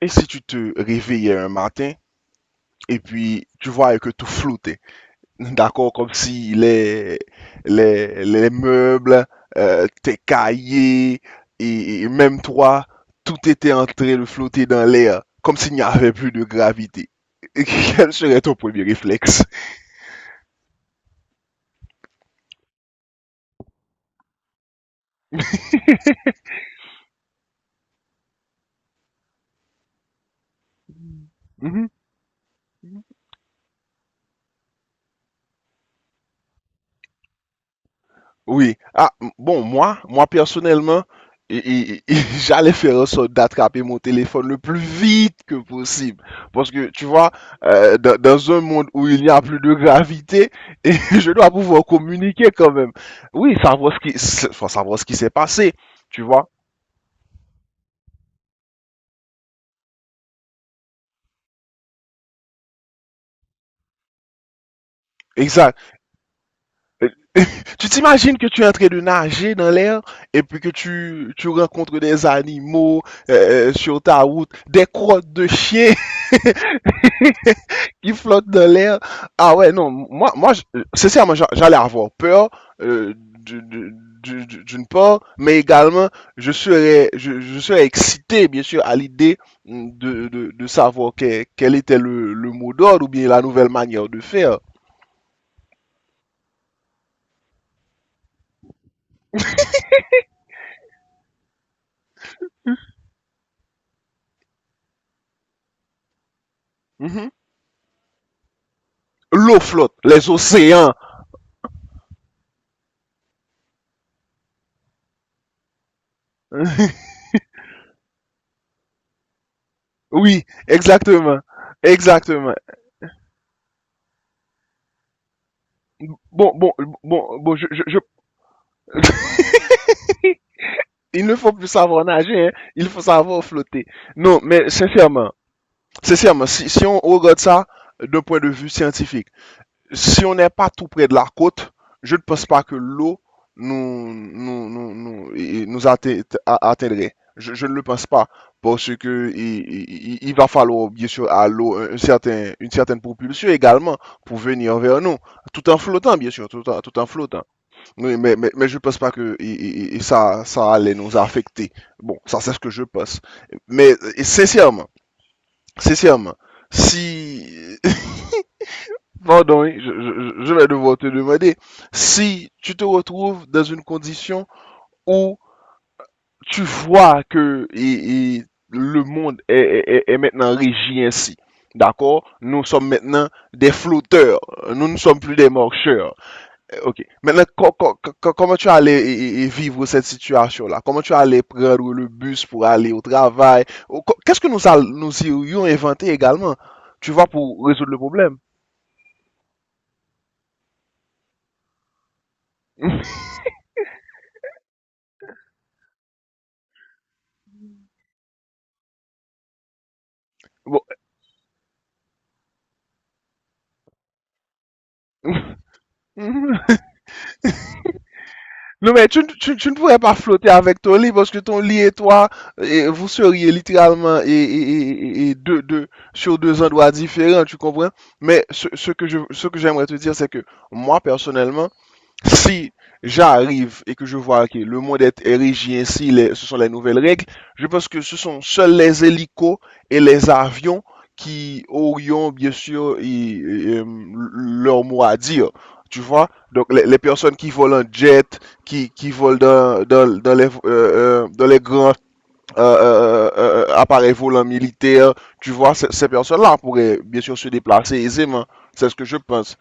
Et si tu te réveillais un matin et puis tu voyais que tout flottait, d'accord, comme si les meubles, tes cahiers et même toi, tout était en train de flotter dans l'air, comme s'il n'y avait plus de gravité. Quel serait ton premier réflexe? Oui. Ah, bon, moi personnellement, j'allais faire en sorte d'attraper mon téléphone le plus vite que possible. Parce que, tu vois, dans un monde où il n'y a plus de gravité, et je dois pouvoir communiquer quand même. Oui, savoir ce qui, enfin, savoir ce qui s'est passé, tu vois. Exact. Tu t'imagines que tu es en train de nager dans l'air et puis que tu rencontres des animaux, sur ta route, des crottes de chiens. Il flotte dans l'air. Ah ouais, non, moi, sincèrement, j'allais avoir peur, euh, du- du- d'une part, mais également, je serais excité, bien sûr, à l'idée, de savoir quel était le mot d'ordre ou bien la nouvelle manière de faire. Mhm. L'eau flotte, les océans. Oui, exactement, exactement. Bon, bon, bon, bon, il ne faut plus savoir nager, hein, il faut savoir flotter. Non, mais sincèrement. Sincèrement, si on regarde ça d'un point de vue scientifique, si on n'est pas tout près de la côte, je ne pense pas que l'eau nous atteindrait. Je ne le pense pas parce que il va falloir bien sûr à l'eau une certaine propulsion également pour venir vers nous, tout en flottant bien sûr, tout en flottant. Oui, mais je ne pense pas que ça allait nous affecter. Bon, ça c'est ce que je pense. Mais et sincèrement, si, pardon, hein, je vais devoir te demander, si tu te retrouves dans une condition où tu vois que le monde est maintenant régi ainsi. D'accord? Nous sommes maintenant des flotteurs. Nous ne sommes plus des marcheurs. Ok. Maintenant, comment tu allais vivre cette situation-là? Comment tu allais prendre le bus pour aller au travail? Qu'est-ce que nous y aurions inventé également? Tu vois, pour résoudre le problème. Bon. Non, mais tu ne pourrais pas flotter avec ton lit parce que ton lit et toi, et vous seriez littéralement et sur deux endroits différents, tu comprends? Mais ce que j'aimerais te dire, c'est que moi, personnellement, si j'arrive et que je vois que le monde est érigé ainsi, ce sont les nouvelles règles, je pense que ce sont seuls les hélicos et les avions qui aurions bien sûr et, euh, leur mot à dire. Tu vois? Donc les personnes qui volent en jet, qui volent dans les grands, appareils volants militaires, tu vois, ces personnes-là pourraient bien sûr se déplacer aisément. C'est ce que je pense.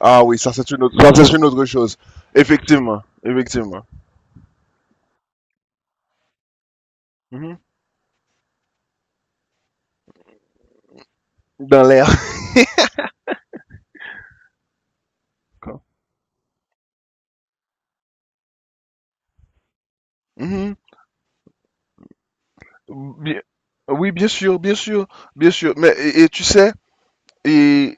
Ah oui, ça c'est une autre, ça c'est une autre chose. Effectivement, effectivement. Mhm. Dans l'air. Mhm. Bien- Oui, bien sûr, bien sûr, bien sûr. Mais et tu sais, et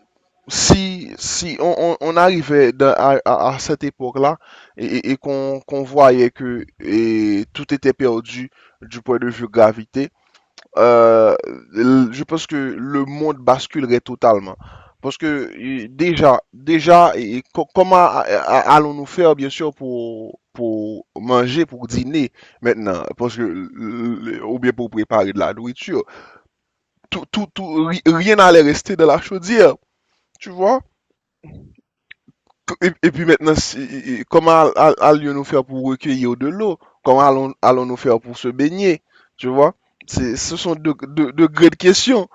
si on arrivait à cette époque-là et qu'on voyait que et tout était perdu du point de vue gravité. euh, je pense que le monde basculerait totalement. Parce que déjà, comment allons-nous faire, bien sûr, pour manger, pour dîner maintenant, parce que, ou bien pour préparer de la nourriture. Rien n'allait rester de la chaudière, tu vois? Et puis maintenant, comment nous faire pour recueillir de l'eau? Comment allons-nous faire pour se baigner? Tu vois? Ce sont deux grandes questions.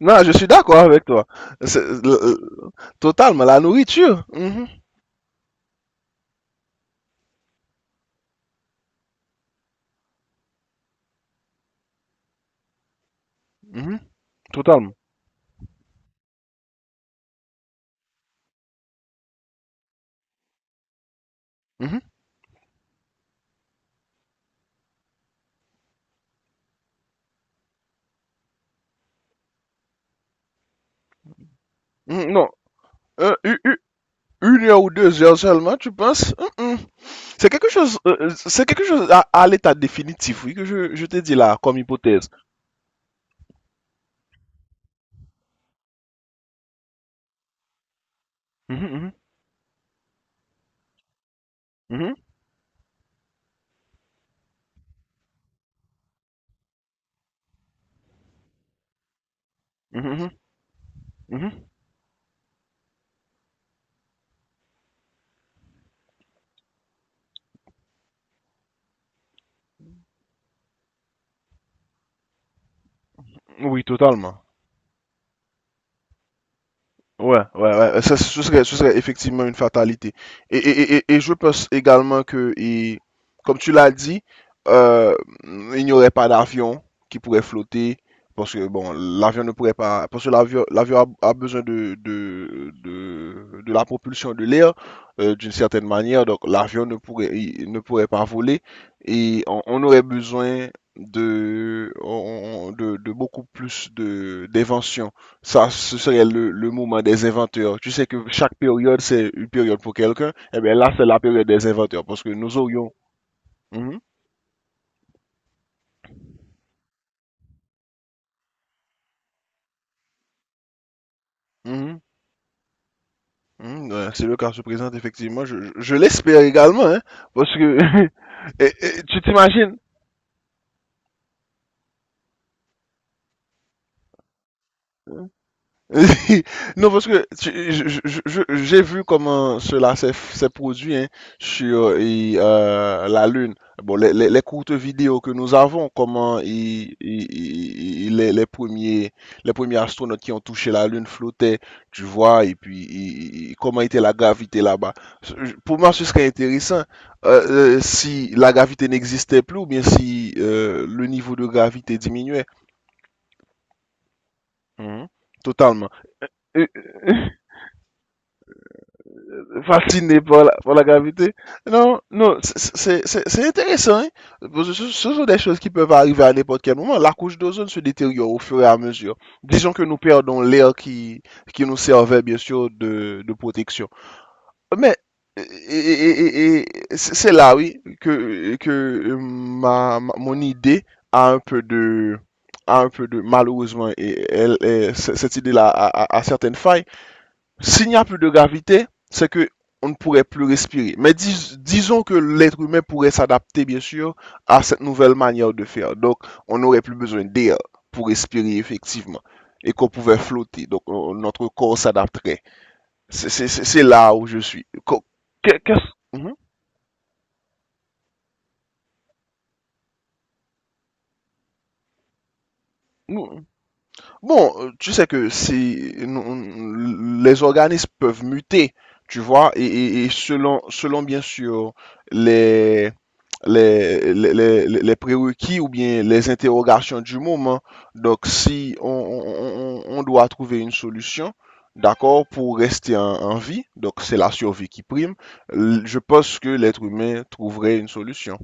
Non, je suis d'accord avec toi. C'est- le- euh, Totalement, la nourriture. Mhm, mhm, totalement. Mhm, mhm, non. Euh, u- u- une heure ou 2 heures seulement, tu penses? Mm, mm. C'est quelque chose à l'état définitif, oui, que je te dis là, comme hypothèse. Mhm, mhm, mhm, mhm, mhm, mhm. Oui, totalement. Ouais, ouais, ouais. Ça, ce serait effectivement une fatalité. Et je pense également que, et, comme tu l'as dit, euh, il n'y aurait pas d'avion qui pourrait flotter. Parce que, bon, l'avion ne pourrait pas. Parce que l'avion a besoin de la propulsion de l'air, d'une certaine manière. Donc, l'avion ne pourrait, il ne pourrait pas voler. Et on aurait besoin de, on- de, de beaucoup plus d'inventions. Ça, ce serait le moment des inventeurs. Tu sais que chaque période, c'est une période pour quelqu'un. Eh bien là, c'est la période des inventeurs parce que nous aurions... Mhm, mhm, mhm, ouais, c'est le cas se présente, effectivement. Je l'espère également, hein, parce que... Et tu t'imagines? Non, parce que j'ai vu comment cela s'est produit, hein, sur la Lune. Bon, les courtes vidéos que nous avons, comment les premiers astronautes qui ont touché la Lune flottaient, tu vois, et puis comment était la gravité là-bas. Pour moi, ce serait intéressant, si la gravité n'existait plus ou bien si le niveau de gravité diminuait. Mhm. Totalement. Euh, fasciné par la gravité. Non, non, c'est intéressant, hein, parce que ce sont des choses qui peuvent arriver à n'importe quel moment. La couche d'ozone se détériore au fur et à mesure. Disons que nous perdons l'air qui nous servait, bien sûr, de protection. Mais et- et- et- et- c'est là, oui, que mon idée a un peu de... a un peu de... Malheureusement, et, cette idée-là a certaines failles. S'il n'y a plus de gravité, c'est que on ne pourrait plus respirer. Mais disons que l'être humain pourrait s'adapter, bien sûr, à cette nouvelle manière de faire. Donc, on n'aurait plus besoin d'air pour respirer, effectivement, et qu'on pouvait flotter. Donc, notre corps s'adapterait. C'est là où je suis. Qu'est-ce... Mhm. Nous- Bon, tu sais que c'est les organismes peuvent muter, tu vois, et selon bien sûr les, les, les, les prérequis ou bien les interrogations du moment. Donc, si on doit trouver une solution, d'accord, pour rester en vie, donc c'est la survie qui prime, je pense que l'être humain trouverait une solution.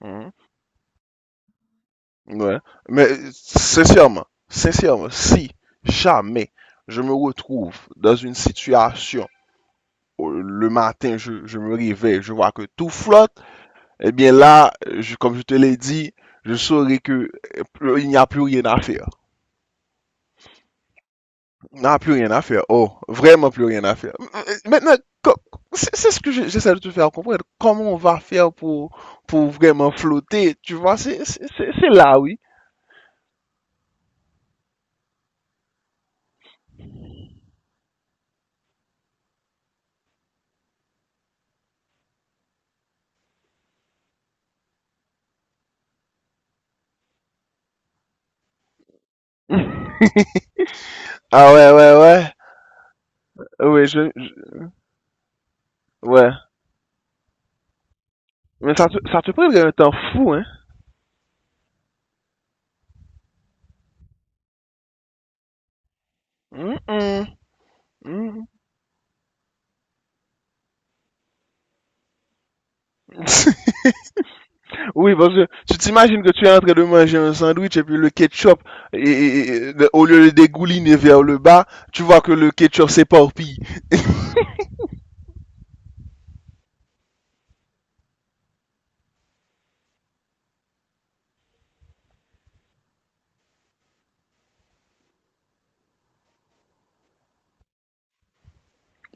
Mhm. Ouais. Mais sincèrement, si jamais je me retrouve dans une situation où le matin, je me réveille, je vois que tout flotte, eh bien là, comme je te l'ai dit, je saurai que, il n'y a plus rien à faire. Il n'y a plus rien à faire. Oh, vraiment plus rien à faire. Maintenant, co- c'est ce que j'essaie de te faire comprendre. Comment on va faire pour, vraiment flotter, tu vois, c'est là, oui. Ah ouais, ouais, ouais. Oui, ouais. Mais ça, ça te prend un temps fou, hein? Hum, hum, hum. Oui, parce que tu t'imagines que tu es en train de manger un sandwich et puis le ketchup, au lieu de dégouliner vers le bas, tu vois que le ketchup s'éparpille.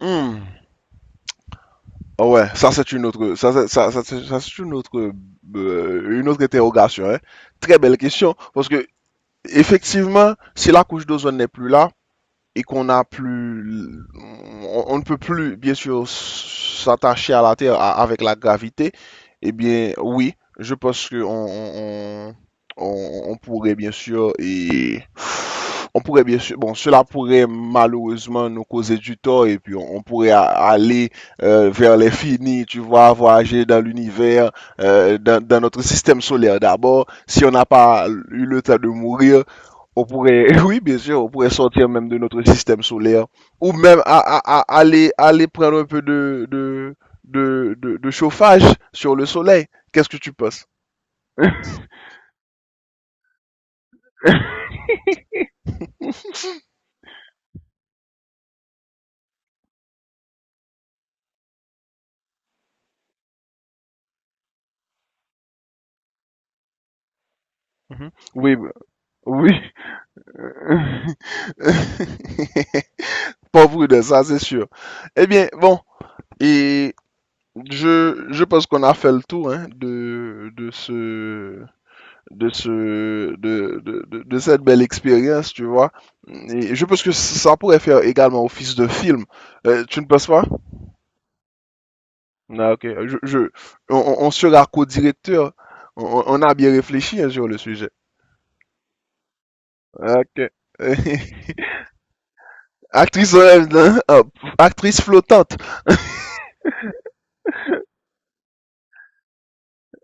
Hum. Ah ouais, ça c'est une autre, une autre interrogation, hein? Très belle question, parce que effectivement, si la couche d'ozone n'est plus là, et qu'on n'a plus, on ne peut plus, bien sûr, s'attacher à la Terre avec la gravité, eh bien, oui, je pense que on pourrait, bien sûr, on pourrait, bien sûr, bon, cela pourrait malheureusement nous causer du tort, et puis on pourrait aller, vers l'infini, tu vois, voyager dans l'univers, dans notre système solaire d'abord, si on n'a pas eu le temps de mourir, on pourrait, oui, bien sûr, on pourrait sortir même de notre système solaire, ou même aller prendre un peu de chauffage sur le soleil. Qu'est-ce que tu penses? Mhm. Oui, bah, oui. Pauvre de ça, c'est sûr. Eh bien, bon, et je pense qu'on a fait le tour, hein, de ce, de ce de cette belle expérience, tu vois. Et je pense que ça pourrait faire également office de film. Tu ne penses pas? Ah, ok. On sera co-directeur. On a bien réfléchi, hein, sur le sujet. Ok. Actrice, euh, actrice flottante.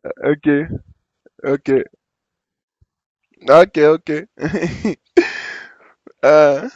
Ok, ok, ok, ok. Euh,